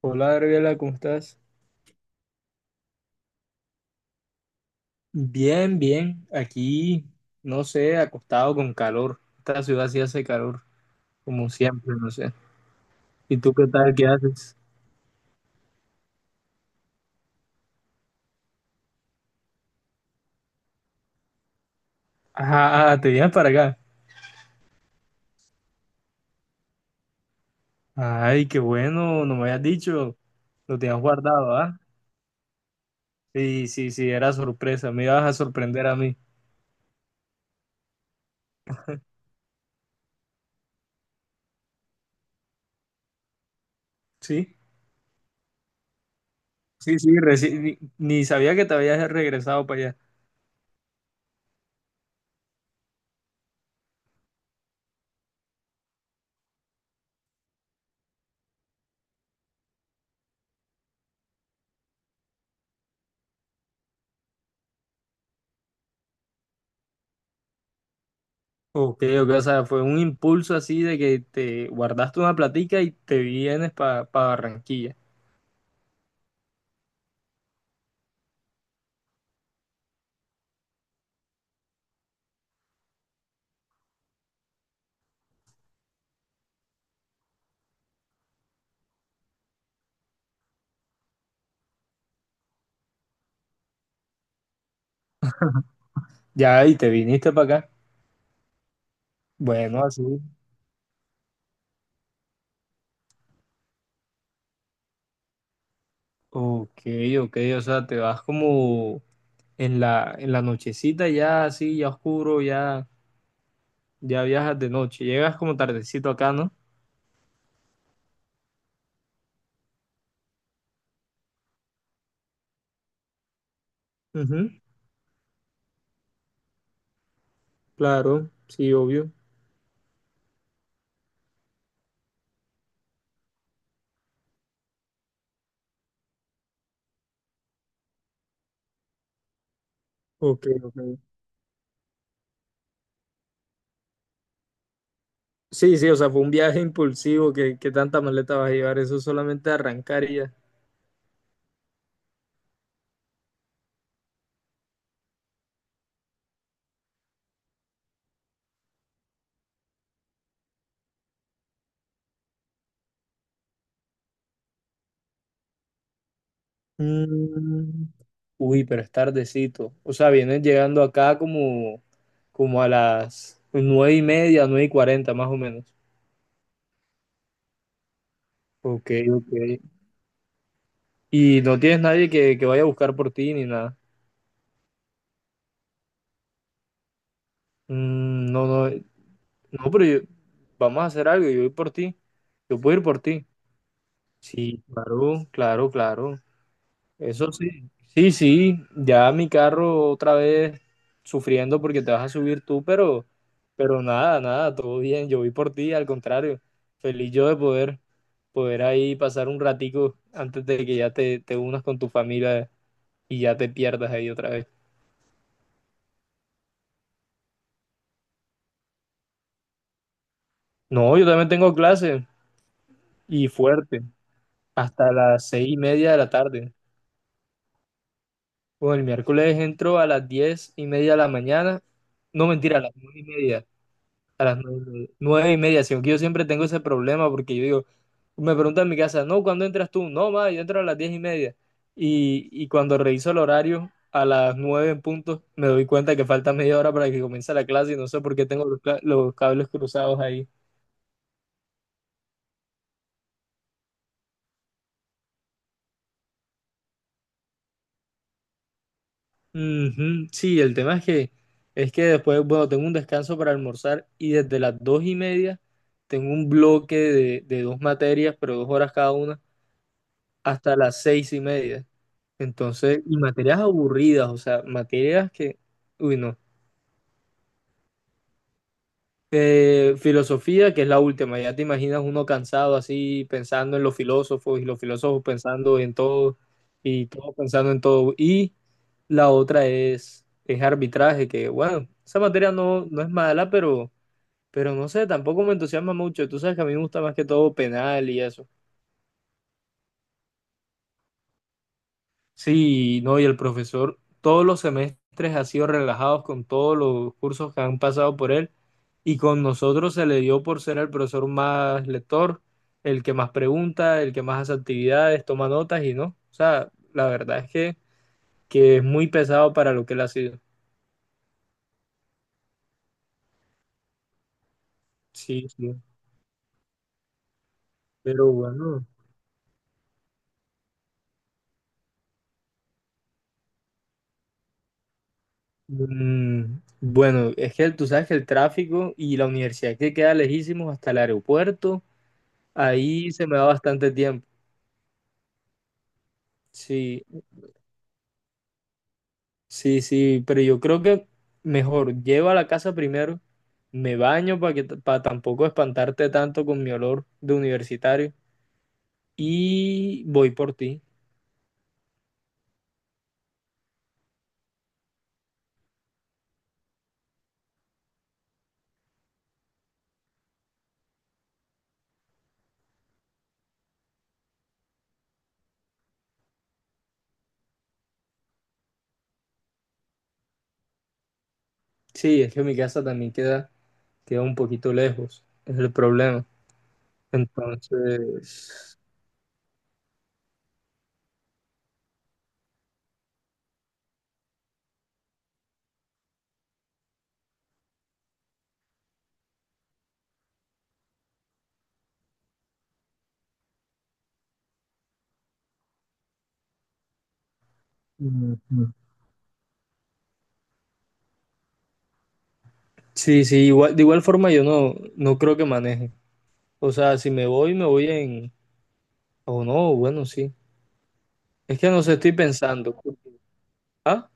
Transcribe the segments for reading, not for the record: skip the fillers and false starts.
Hola Gabriela, ¿cómo estás? Bien, bien. Aquí, no sé, acostado con calor. Esta ciudad sí hace calor, como siempre, no sé. ¿Y tú qué tal? ¿Qué haces? Ajá, ah, te vienes para acá. Ay, qué bueno, no me habías dicho. Lo tenías guardado, ¿ah? Sí, sí, sí, era sorpresa. Me ibas a sorprender a mí. Sí, sí, sí, ni sabía que te habías regresado para allá. Ok, ok, o sea, fue un impulso así de que te guardaste una platica y te vienes para Barranquilla. Ya, y te viniste para acá. Bueno, así. Ok, ok, o sea, te vas como en la nochecita ya así, ya oscuro, ya, ya viajas de noche. Llegas como tardecito acá, ¿no? Ujú, claro, sí, obvio. Ok, ok. Sí, sí, o sea, fue un viaje impulsivo que tanta maleta vas a llevar, eso solamente arrancar y ya. Mm, uy, pero es tardecito. O sea, vienes llegando acá como a las 9:30, 9:40 más o menos. Ok, ok. Y no tienes nadie que vaya a buscar por ti ni nada. Mm, no, no, no, pero vamos a hacer algo. Yo voy por ti. Yo puedo ir por ti. Sí, claro, claro, claro. Eso sí. Sí, sí. Ya mi carro otra vez sufriendo porque te vas a subir tú, pero nada, nada, todo bien. Yo voy por ti, al contrario. Feliz yo de poder ahí pasar un ratico antes de que ya te unas con tu familia y ya te pierdas ahí otra vez. No, yo también tengo clase y fuerte, hasta las 6:30 de la tarde. Bueno, el miércoles entro a las 10:30 de la mañana. No, mentira, a las 9:30. A las nueve y media, 9:30, sino que yo siempre tengo ese problema porque yo digo, me preguntan en mi casa, no, ¿cuándo entras tú? No, ma, yo entro a las 10:30. Y cuando reviso el horario, a las 9 en punto, me doy cuenta que falta media hora para que comience la clase y no sé por qué tengo los, los cables cruzados ahí. Ujú, sí, el tema es que después, bueno, tengo un descanso para almorzar y desde las 2:30 tengo un bloque de dos materias, pero 2 horas cada una, hasta las 6:30. Entonces, y materias aburridas, o sea, materias que, uy, no. Filosofía, que es la última, ya te imaginas uno cansado así pensando en los filósofos y los filósofos pensando en todo y todos pensando en todo. Y la otra es arbitraje, que bueno, esa materia no, no es mala, pero no sé, tampoco me entusiasma mucho. Tú sabes que a mí me gusta más que todo penal y eso. Sí, no, y el profesor todos los semestres ha sido relajado con todos los cursos que han pasado por él y con nosotros se le dio por ser el profesor más lector, el que más pregunta, el que más hace actividades, toma notas y no. O sea, la verdad es que es muy pesado para lo que él ha sido. Sí, sí, pero bueno. Mm, bueno, es que tú sabes que el tráfico y la universidad que queda lejísimos hasta el aeropuerto, ahí se me da bastante tiempo. Sí, sí, sí, pero yo creo que mejor llevo a la casa primero, me baño para que para tampoco espantarte tanto con mi olor de universitario y voy por ti. Sí, es que mi casa también queda, queda un poquito lejos, es el problema. Entonces, ujú, sí, sí, igual, de igual forma yo no, no creo que maneje. O sea, si me voy, me voy en, o no, bueno, sí. Es que no sé, estoy pensando. ¿Ah?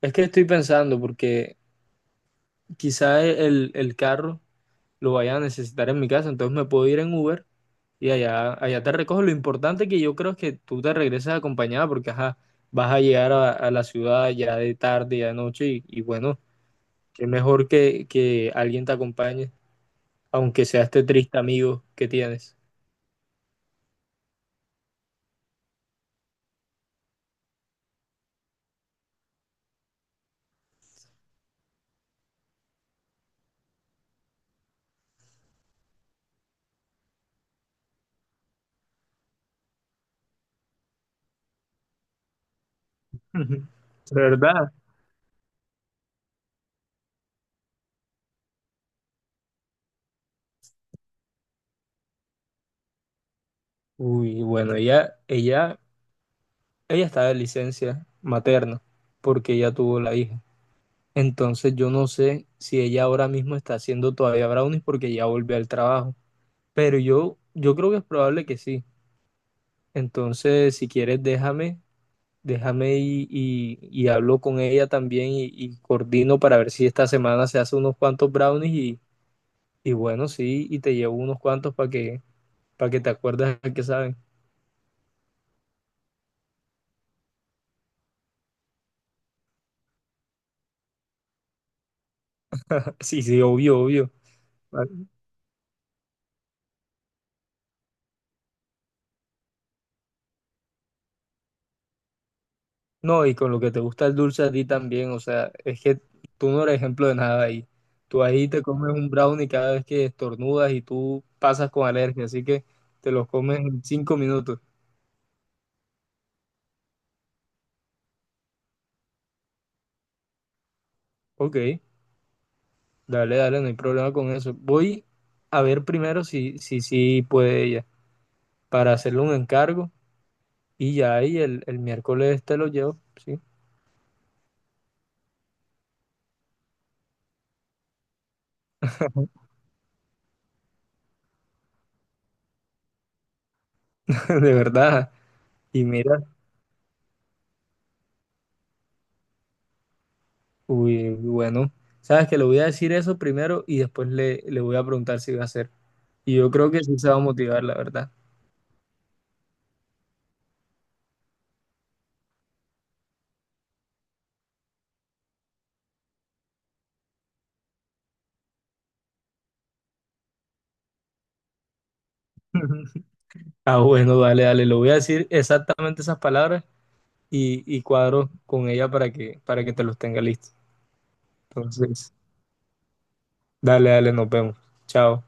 Es que estoy pensando porque quizá el carro lo vaya a necesitar en mi casa, entonces me puedo ir en Uber y allá, allá te recojo. Lo importante que yo creo es que tú te regreses acompañada porque ajá, vas a llegar a la ciudad ya de tarde, ya de noche y bueno, es mejor que alguien te acompañe, aunque sea este triste amigo que tienes. Ujú. ¿Verdad? Uy, bueno, ella está de licencia materna porque ella tuvo la hija. Entonces yo no sé si ella ahora mismo está haciendo todavía brownies porque ya volvió al trabajo. Pero yo creo que es probable que sí. Entonces, si quieres, déjame, déjame y, y hablo con ella también y coordino para ver si esta semana se hace unos cuantos brownies y bueno, sí, y te llevo unos cuantos para que te acuerdes a que saben. Sí, sí, obvio, obvio. No, y con lo que te gusta el dulce a ti también, o sea, es que tú no eres ejemplo de nada ahí. Tú ahí te comes un brownie cada vez que estornudas y tú pasas con alergia, así que te los comes en 5 minutos. Ok, dale, dale, no hay problema con eso. Voy a ver primero si puede ella, para hacerle un encargo y ya ahí el miércoles te lo llevo, ¿sí? De verdad. Y mira, uy, bueno, sabes que le voy a decir eso primero y después le voy a preguntar si va a hacer. Y yo creo que sí se va a motivar, la verdad. Ah, bueno, dale, dale, le voy a decir exactamente esas palabras y cuadro con ella para que te los tenga listos. Entonces, dale, dale, nos vemos. Chao.